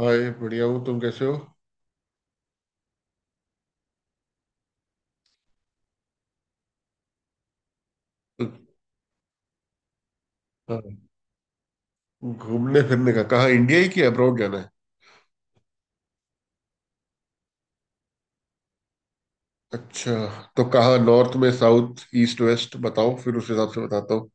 हाय, बढ़िया हूँ। तुम कैसे हो? हाँ। घूमने फिरने का कहाँ, इंडिया ही कि अब्रॉड जाना है? अच्छा। तो कहाँ, नॉर्थ में, साउथ, ईस्ट, वेस्ट? बताओ फिर उस हिसाब से बताता हूँ।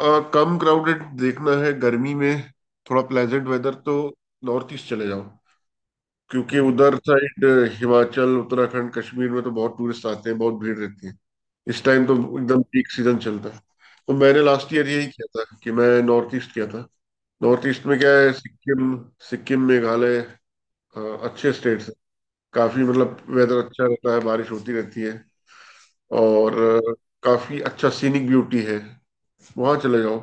कम क्राउडेड देखना है गर्मी में, थोड़ा प्लेजेंट वेदर तो। नॉर्थ ईस्ट चले जाओ, क्योंकि उधर साइड हिमाचल, उत्तराखंड, कश्मीर में तो बहुत टूरिस्ट आते हैं, बहुत भीड़ रहती है। इस टाइम तो एकदम पीक सीजन चलता है। तो मैंने लास्ट ईयर यही किया था कि मैं नॉर्थ ईस्ट किया था। नॉर्थ ईस्ट में क्या है, सिक्किम, सिक्किम, मेघालय, अ, अच्छे स्टेट्स हैं। काफी, मतलब वेदर अच्छा रहता है, बारिश होती रहती है। और काफी अच्छा सीनिक ब्यूटी है, वहां चले जाओ।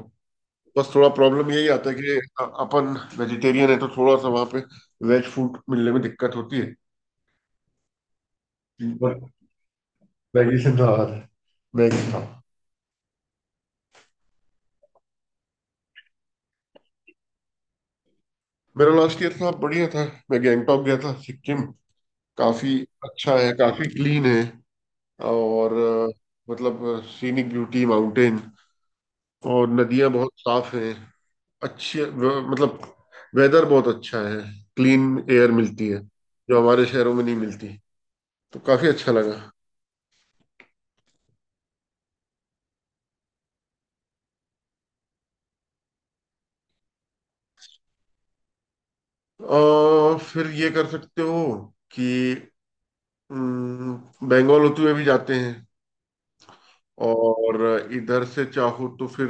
बस थोड़ा प्रॉब्लम यही आता है कि अपन वेजिटेरियन है, तो थोड़ा सा वहां पे वेज फूड मिलने में दिक्कत होती है। बट मैगी से नाराज है, मैगी था। मेरा लास्ट ईयर था, बढ़िया था। मैं गैंगटॉक गया था, सिक्किम। काफी अच्छा है, काफी क्लीन है। और मतलब सीनिक ब्यूटी, माउंटेन और नदियां बहुत साफ हैं। अच्छी मतलब, वेदर बहुत अच्छा है, क्लीन एयर मिलती है, जो हमारे शहरों में नहीं मिलती। तो काफी अच्छा लगा। और फिर ये कर सकते हो कि हम्म, बंगाल होते हुए भी जाते हैं। और इधर से चाहो तो फिर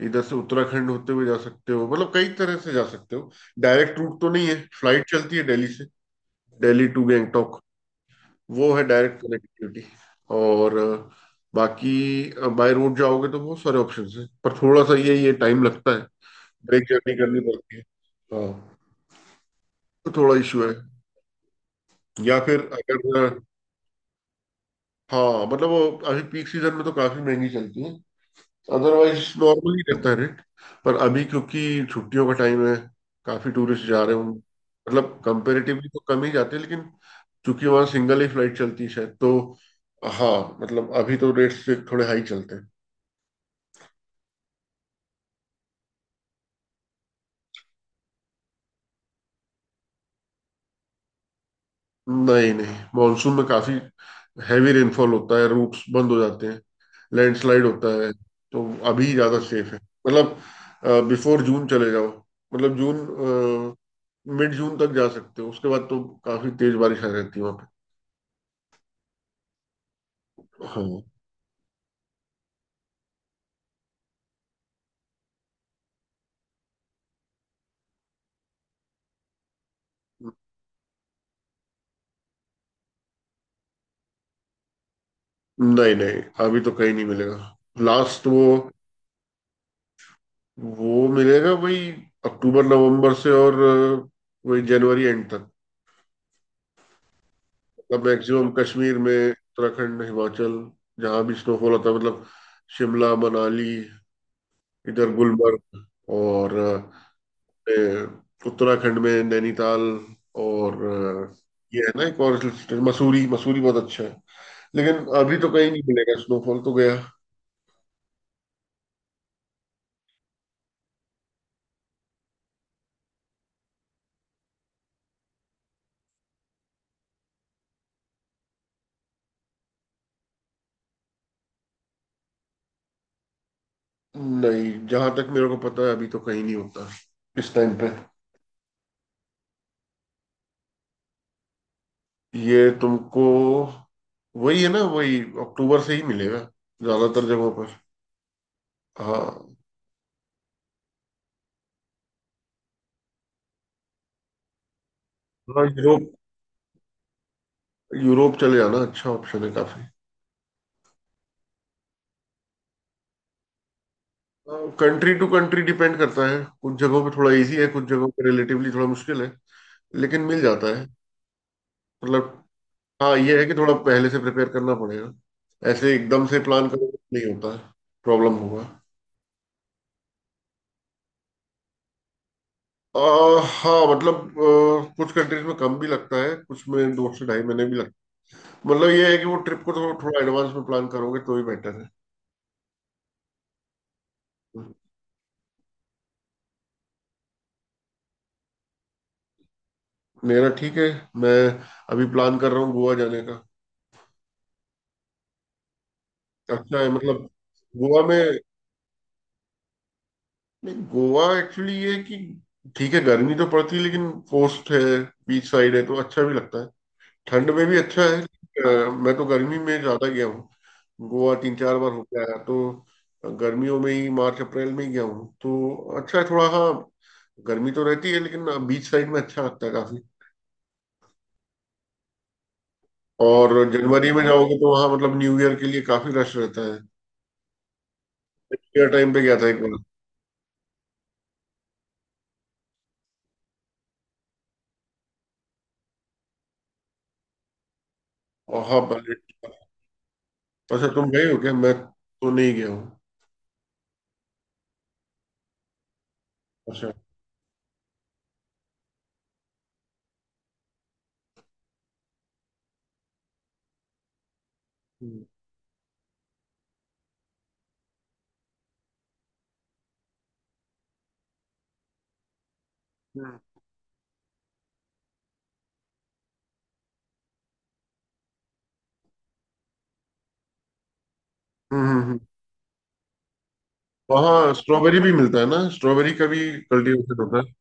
इधर से उत्तराखंड होते हुए जा सकते हो, मतलब कई तरह से जा सकते हो। डायरेक्ट रूट तो नहीं है, फ्लाइट चलती है दिल्ली से, दिल्ली टू गैंगटॉक, वो है डायरेक्ट कनेक्टिविटी। और बाकी बाय रोड जाओगे तो बहुत सारे ऑप्शंस हैं, पर थोड़ा सा ये टाइम लगता है, ब्रेक जर्नी करनी पड़ती है। हाँ, तो थोड़ा इशू है। या फिर अगर हाँ, मतलब वो अभी पीक सीजन में तो काफी महंगी चलती है, अदरवाइज नॉर्मल ही रहता है रेट। पर अभी क्योंकि छुट्टियों का टाइम है, काफी टूरिस्ट जा रहे होंगे। मतलब कंपेरेटिवली तो कम ही जाते हैं, लेकिन चूंकि वहाँ सिंगल ही फ्लाइट चलती है शायद, तो हाँ, मतलब अभी तो रेट्स थोड़े हाई चलते हैं। नहीं, नहीं, मॉनसून में काफी हैवी रेनफॉल होता है, रूट्स बंद हो जाते हैं, लैंडस्लाइड होता है। तो अभी ज्यादा सेफ है, मतलब बिफोर जून चले जाओ, मतलब जून, मिड जून तक जा सकते हो, उसके बाद तो काफी तेज बारिश आ जाती है वहां पे। हाँ। नहीं, नहीं, अभी तो कहीं नहीं मिलेगा। लास्ट वो मिलेगा वही अक्टूबर नवंबर से, और वही जनवरी एंड तक। मतलब मैक्सिमम कश्मीर में, उत्तराखंड, हिमाचल, जहाँ भी स्नोफॉल होता है, मतलब शिमला, मनाली, इधर गुलमर्ग, और ए, उत्तराखंड में नैनीताल, और ये है ना, एक और हिल स्टेशन मसूरी। मसूरी बहुत अच्छा है, लेकिन अभी तो कहीं नहीं मिलेगा, स्नोफॉल तो गया। नहीं, जहां तक मेरे को पता है, अभी तो कहीं नहीं होता इस टाइम पे। ये तुमको वही है ना, वही अक्टूबर से ही मिलेगा ज्यादातर जगहों पर। हाँ। हाँ, यूरोप, यूरोप चले जाना अच्छा ऑप्शन है काफी। कंट्री टू कंट्री डिपेंड करता है, कुछ जगहों पे थोड़ा इजी है, कुछ जगहों पे रिलेटिवली थोड़ा मुश्किल है, लेकिन मिल जाता है, मतलब हाँ, ये है कि थोड़ा पहले से प्रिपेयर करना पड़ेगा। ऐसे एकदम से प्लान करोगे नहीं होता है, प्रॉब्लम होगा। हाँ, मतलब कुछ कंट्रीज में कम भी लगता है, कुछ में 2 से ढाई महीने भी लगता है। मतलब ये है कि वो ट्रिप को थोड़ा थोड़ा एडवांस में प्लान करोगे तो ही बेटर है। मेरा ठीक है। मैं अभी प्लान कर रहा हूँ गोवा जाने का। अच्छा है, मतलब गोवा में, नहीं गोवा एक्चुअली ये है कि ठीक है, गर्मी तो पड़ती है लेकिन कोस्ट है, बीच साइड है तो अच्छा भी लगता है। ठंड में भी अच्छा है। मैं तो गर्मी में ज्यादा गया हूँ, गोवा तीन चार बार हो गया, तो गर्मियों में ही मार्च अप्रैल में ही गया हूँ तो। अच्छा है थोड़ा, हाँ, गर्मी तो रहती है लेकिन बीच साइड में अच्छा लगता है काफी। और जनवरी में जाओगे तो वहाँ मतलब न्यू ईयर के लिए काफी रश रहता है, ईयर टाइम पे गया था एक बार। और हाँ, पहले अच्छा, तुम गए हो क्या? मैं तो नहीं गया हूँ। अच्छा। हम्म, हम्म, वहाँ स्ट्रॉबेरी भी मिलता है ना, स्ट्रॉबेरी का भी कल्टीवेशन होता है।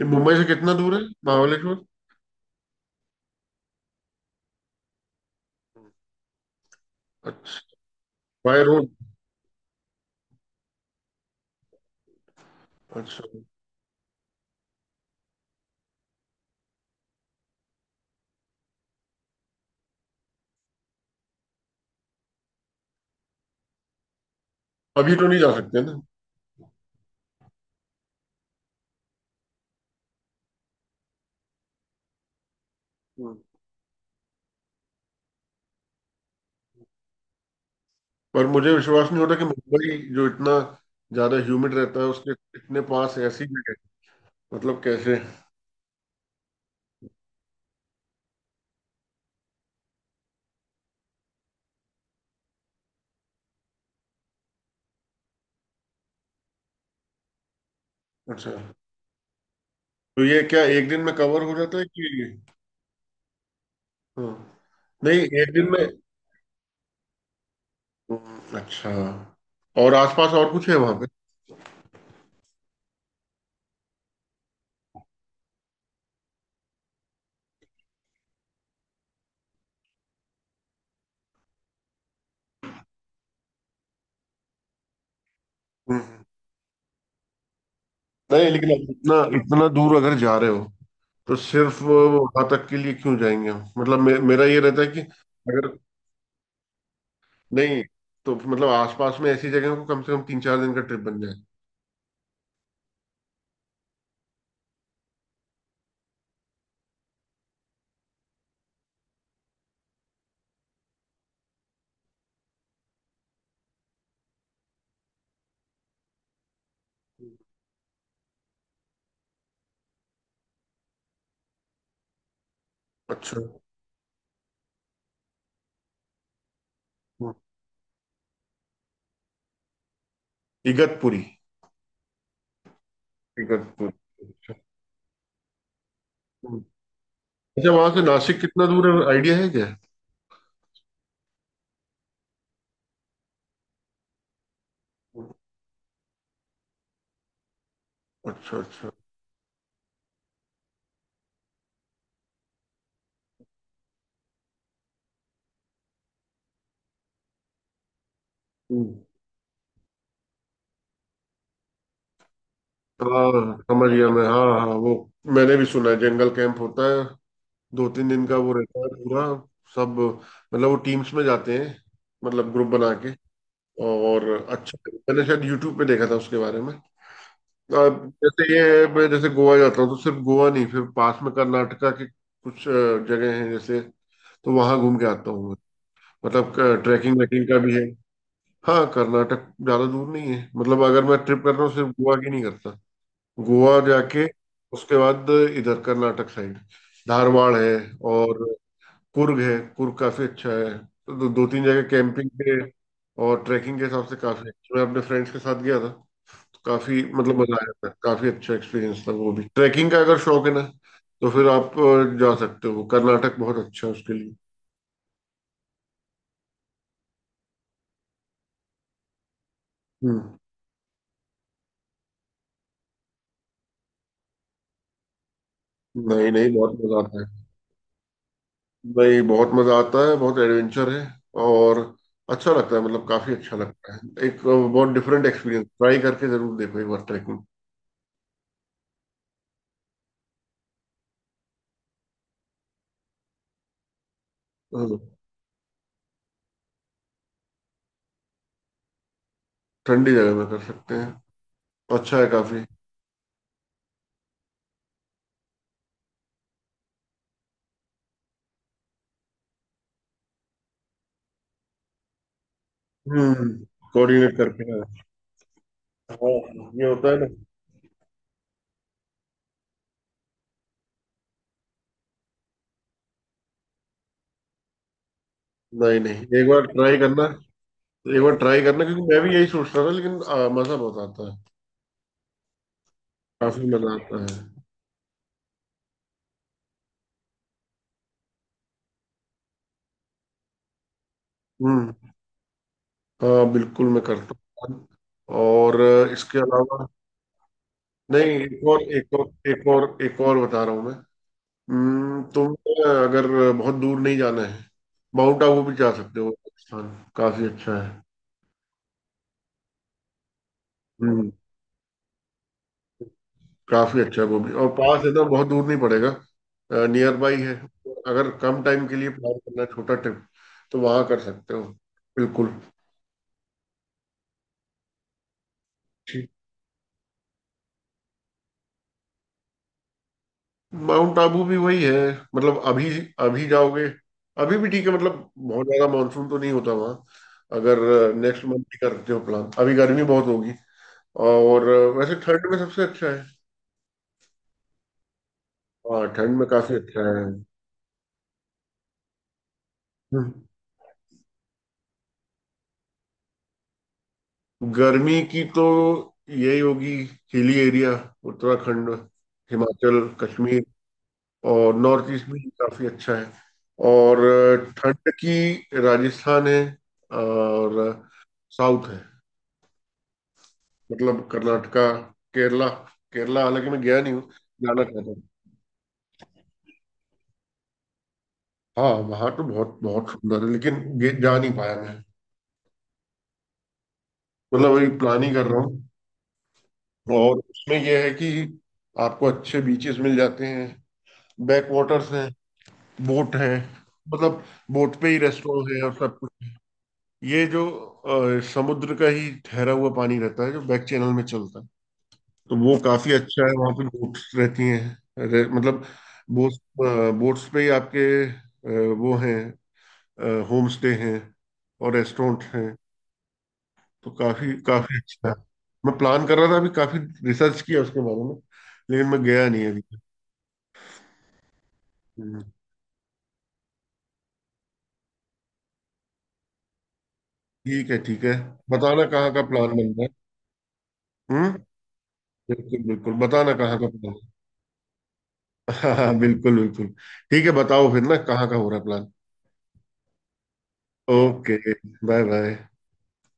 ये मुंबई से कितना दूर है महाबलेश्वर? अच्छा, बाय रोड? अच्छा, अभी तो नहीं जा सकते ना? हम्म। पर मुझे विश्वास नहीं होता कि मुंबई जो इतना ज्यादा ह्यूमिड रहता है, उसके इतने पास ऐसी जगह है। मतलब कैसे? अच्छा, तो ये क्या एक दिन में कवर हो जाता है कि? हाँ, नहीं, एक दिन में। अच्छा। और आसपास और कुछ है वहां पे? हम्म। नहीं, लेकिन अब इतना, इतना दूर अगर जा रहे हो, तो सिर्फ वहां तक के लिए क्यों जाएंगे हम, मतलब मेरा ये रहता है कि अगर नहीं, तो मतलब आसपास में ऐसी जगह को कम से कम 3-4 दिन का ट्रिप बन जाए। अच्छा। हम्म। इगतपुरी, इगतपुरी। अच्छा। हम्म। अच्छा, वहां से नासिक कितना दूर है, आइडिया है क्या? अच्छा, अच्छा। हम्म। हाँ, समझ गया मैं। हाँ हाँ, वो मैंने भी सुना है, जंगल कैंप होता है, 2-3 दिन का वो रहता है पूरा। सब, मतलब वो टीम्स में जाते हैं, मतलब ग्रुप बना के। और अच्छा, मैंने शायद यूट्यूब पे देखा था उसके बारे में। अब जैसे ये है, मैं जैसे गोवा जाता हूँ तो सिर्फ गोवा नहीं, फिर पास में कर्नाटका के कुछ जगह हैं, जैसे तो वहां घूम के आता हूँ मैं। मतलब ट्रैकिंग वैकिंग का भी है। हाँ, कर्नाटक ज्यादा दूर नहीं है, मतलब अगर मैं ट्रिप कर रहा हूँ सिर्फ गोवा की नहीं करता। गोवा जाके उसके बाद इधर कर्नाटक साइड, धारवाड़ है, और कुर्ग है, कुर्ग काफी अच्छा है। तो दो तीन जगह कैंपिंग के और ट्रैकिंग के हिसाब से काफी अच्छा। मैं अपने फ्रेंड्स के साथ गया था, काफी मतलब मजा आया था, काफी अच्छा एक्सपीरियंस था वो भी ट्रैकिंग का, अगर शौक है ना, तो फिर आप जा सकते हो, कर्नाटक बहुत अच्छा है उसके लिए। हम्म। नहीं, नहीं, बहुत मजा आता है। नहीं, बहुत मजा आता है, बहुत एडवेंचर है, और अच्छा लगता है, मतलब काफी अच्छा लगता है। एक बहुत डिफरेंट एक्सपीरियंस, ट्राई करके जरूर देखो एक बार ट्रैकिंग। हाँ, ठंडी जगह में कर सकते हैं, अच्छा है काफी। हम्म। कोऑर्डिनेट करके, हाँ। हाँ, ये होता है ना। नहीं, नहीं, एक बार ट्राई करना। एक बार ट्राई करना, क्योंकि मैं भी यही सोच रहा था, लेकिन मजा बहुत आता है, काफी मजा आता है। हम्म। हाँ, बिल्कुल, मैं करता हूँ। और इसके अलावा नहीं, एक और बता रहा हूँ मैं। तुम अगर बहुत दूर नहीं जाना है, माउंट आबू भी जा सकते हो। वो स्थान काफी अच्छा है। हम्म। काफी अच्छा है वो भी, और पास है ना, बहुत दूर नहीं पड़ेगा, नियर बाई है। अगर कम टाइम के लिए प्लान करना है, छोटा ट्रिप, तो वहां कर सकते हो, बिल्कुल। माउंट आबू भी वही है, मतलब अभी, अभी जाओगे अभी भी ठीक है, मतलब बहुत ज्यादा मानसून तो नहीं होता वहाँ। अगर नेक्स्ट मंथ भी करते हो प्लान, अभी गर्मी बहुत होगी। और वैसे ठंड में सबसे अच्छा है। हाँ, ठंड में काफी अच्छा है। हम्म। गर्मी की तो यही होगी, हिली एरिया, उत्तराखंड, हिमाचल, कश्मीर, और नॉर्थ ईस्ट भी काफी अच्छा है। और ठंड की राजस्थान है, और साउथ है, मतलब कर्नाटका, केरला। केरला हालांकि मैं गया नहीं हूँ, जाना चाहता हूँ। हाँ, वहां तो बहुत बहुत सुंदर है, लेकिन जा नहीं पाया मैं, मतलब वही प्लान ही कर रहा हूँ। और उसमें यह है कि आपको अच्छे बीचेस मिल जाते हैं, बैक वाटर्स हैं, बोट है, मतलब बोट पे ही रेस्टोरेंट है और सब कुछ। ये जो समुद्र का ही ठहरा हुआ पानी रहता है, जो बैक चैनल में चलता है, तो वो काफी अच्छा है। वहां पे बोट्स रहती हैं, मतलब बोट्स बोट्स पे ही आपके वो हैं, होम स्टे हैं और रेस्टोरेंट हैं, तो काफी काफी अच्छा है। मैं प्लान कर रहा था, अभी काफी रिसर्च किया उसके बारे में, लेकिन मैं गया नहीं अभी तक। हम्म, ठीक है, ठीक है। बताना कहाँ का प्लान बन रहा है। हम्म। बिल्कुल, बिल्कुल, बताना कहाँ का प्लान। हाँ हाँ, बिल्कुल, बिल्कुल, ठीक है, बताओ फिर ना, कहाँ का हो रहा है प्लान? Okay, bye bye.